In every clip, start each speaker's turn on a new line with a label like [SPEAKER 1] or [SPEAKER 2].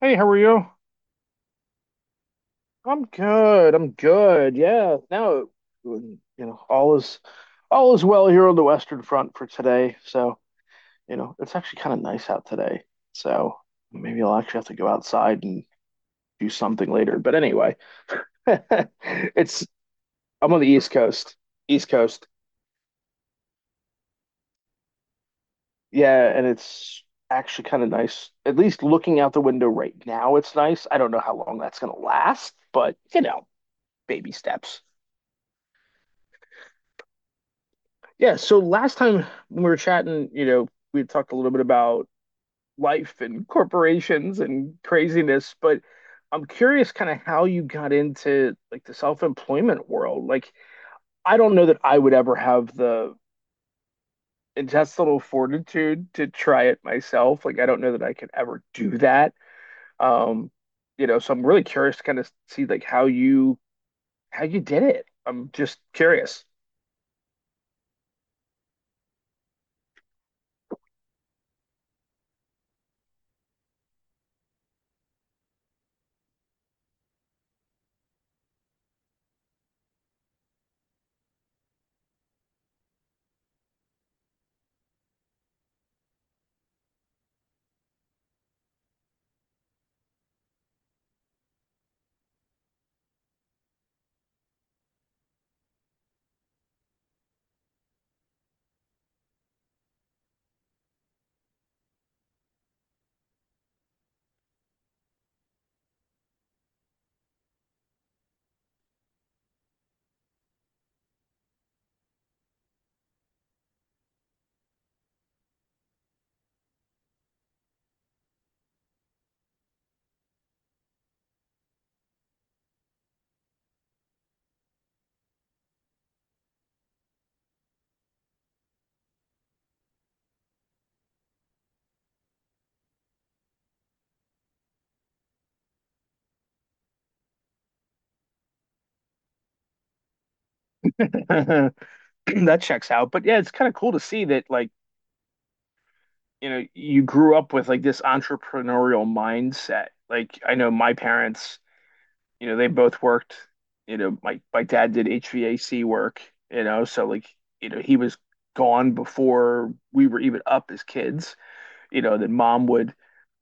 [SPEAKER 1] Hey, how are you? I'm good. Yeah. You know, all is all is well here on the Western Front for today. It's actually kind of nice out today. So maybe I'll actually have to go outside and do something later. But anyway, it's I'm on the East Coast. East Coast. Yeah, and it's actually kind of nice. At least looking out the window right now, it's nice. I don't know how long that's gonna last, but baby steps. Yeah, so last time when we were chatting, we had talked a little bit about life and corporations and craziness, but I'm curious kind of how you got into like the self-employment world. Like, I don't know that I would ever have the intestinal fortitude to try it myself. Like, I don't know that I could ever do that. Um, so I'm really curious to kind of see like how you did it. I'm just curious. That checks out. But yeah, it's kind of cool to see that like you grew up with like this entrepreneurial mindset. Like I know my parents, they both worked, my dad did HVAC work, you know, so like, he was gone before we were even up as kids, then mom would,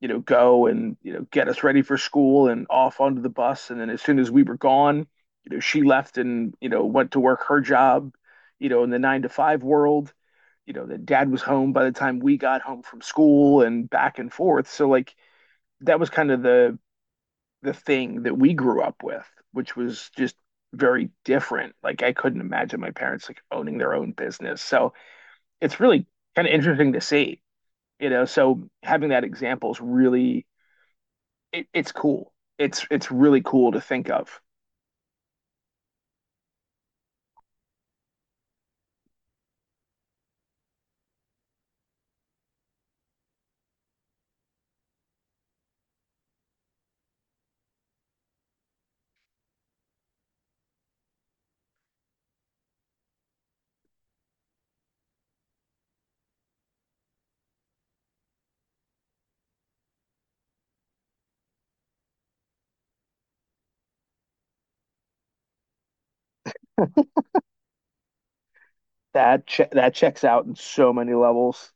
[SPEAKER 1] go and, get us ready for school and off onto the bus. And then as soon as we were gone, she left and, went to work her job, in the nine to five world that dad was home by the time we got home from school and back and forth, so like that was kind of the thing that we grew up with, which was just very different. Like I couldn't imagine my parents like owning their own business. So it's really kind of interesting to see, so having that example is really it's cool. It's really cool to think of. That checks out in so many levels.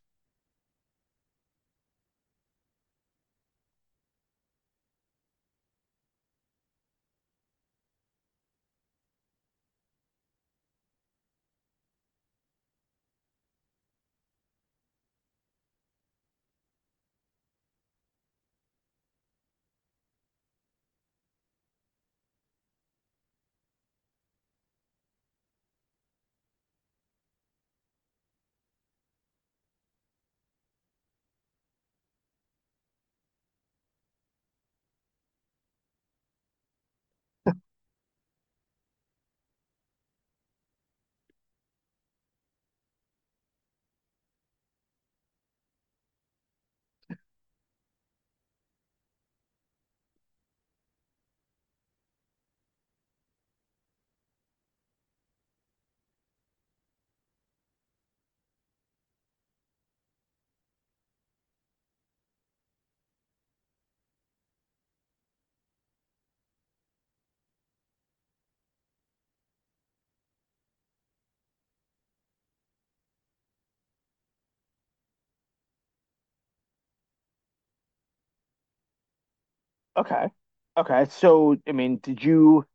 [SPEAKER 1] Okay. Okay so I mean, did you,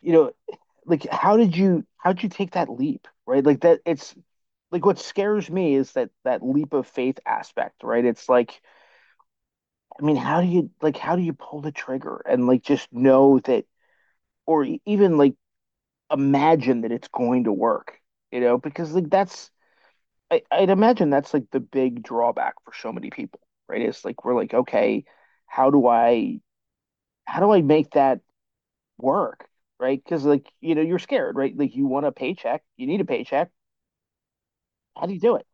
[SPEAKER 1] you know like how did you take that leap, right? Like that it's like what scares me is that that leap of faith aspect, right? It's like, I mean, how do you pull the trigger and like just know that, or even like imagine that it's going to work, because like that's I'd imagine that's like the big drawback for so many people, right? It's like we're like, okay, how do i how do I make that work, right? Because you're scared, right? Like you want a paycheck, you need a paycheck. How do you do it?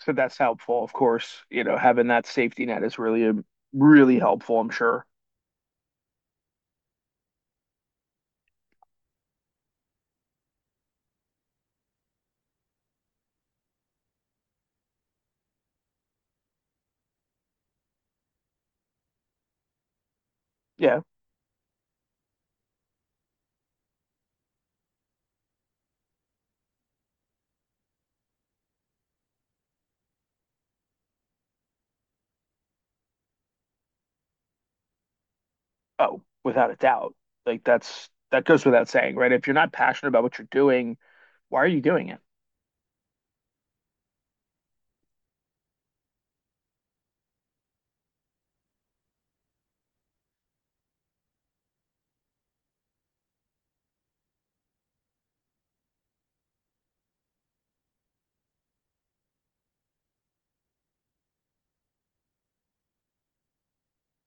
[SPEAKER 1] So that's helpful, of course. You know, having that safety net is really, really helpful, I'm sure. Yeah. Oh, without a doubt. Like that's, that goes without saying, right? If you're not passionate about what you're doing, why are you doing it?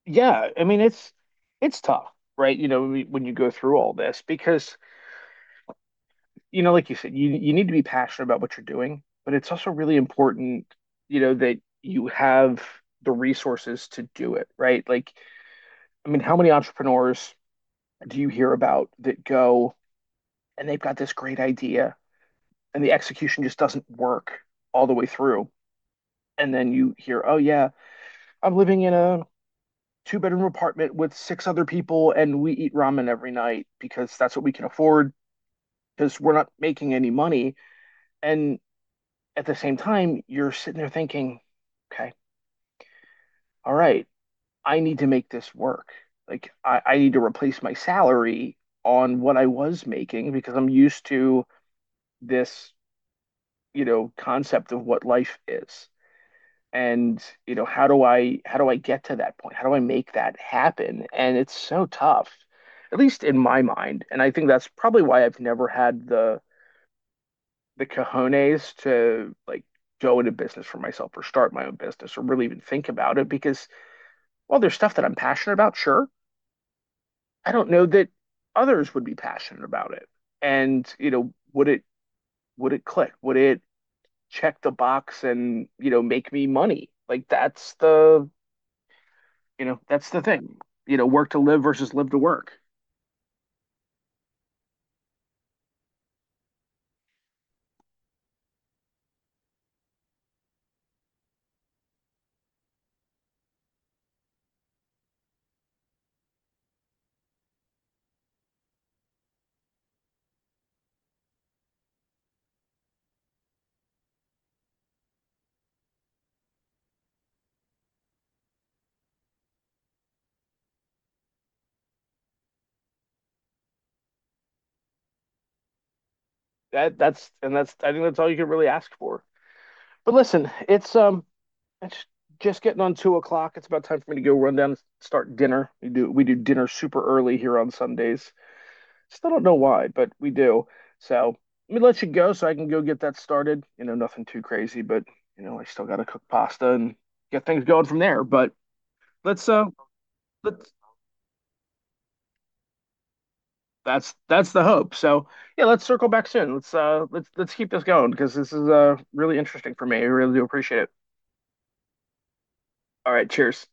[SPEAKER 1] Yeah, I mean it's tough, right? You know, when you go through all this because like you said, you need to be passionate about what you're doing, but it's also really important, that you have the resources to do it, right? Like, I mean, how many entrepreneurs do you hear about that go and they've got this great idea and the execution just doesn't work all the way through. And then you hear, oh yeah, I'm living in a two-bedroom apartment with six other people and we eat ramen every night because that's what we can afford because we're not making any money. And at the same time, you're sitting there thinking, okay, all right, I need to make this work. Like I need to replace my salary on what I was making because I'm used to this, concept of what life is. And you know how do I get to that point? How do I make that happen? And it's so tough, at least in my mind. And I think that's probably why I've never had the cojones to like go into business for myself or start my own business or really even think about it because, well, there's stuff that I'm passionate about, sure. I don't know that others would be passionate about it. And you know, would it click? Would it Check the box and make me money? Like that's the— you know, that's the thing. You know, work to live versus live to work. That's, I think, that's all you can really ask for. But listen, it's just getting on 2 o'clock. It's about time for me to go run down and start dinner. We do dinner super early here on Sundays. Still don't know why, but we do. So let me let you go so I can go get that started. You know, nothing too crazy, but you know, I still gotta cook pasta and get things going from there. But let's uh let's that's the hope. So yeah, let's circle back soon. Let's keep this going because this is really interesting for me. I really do appreciate it. All right, cheers.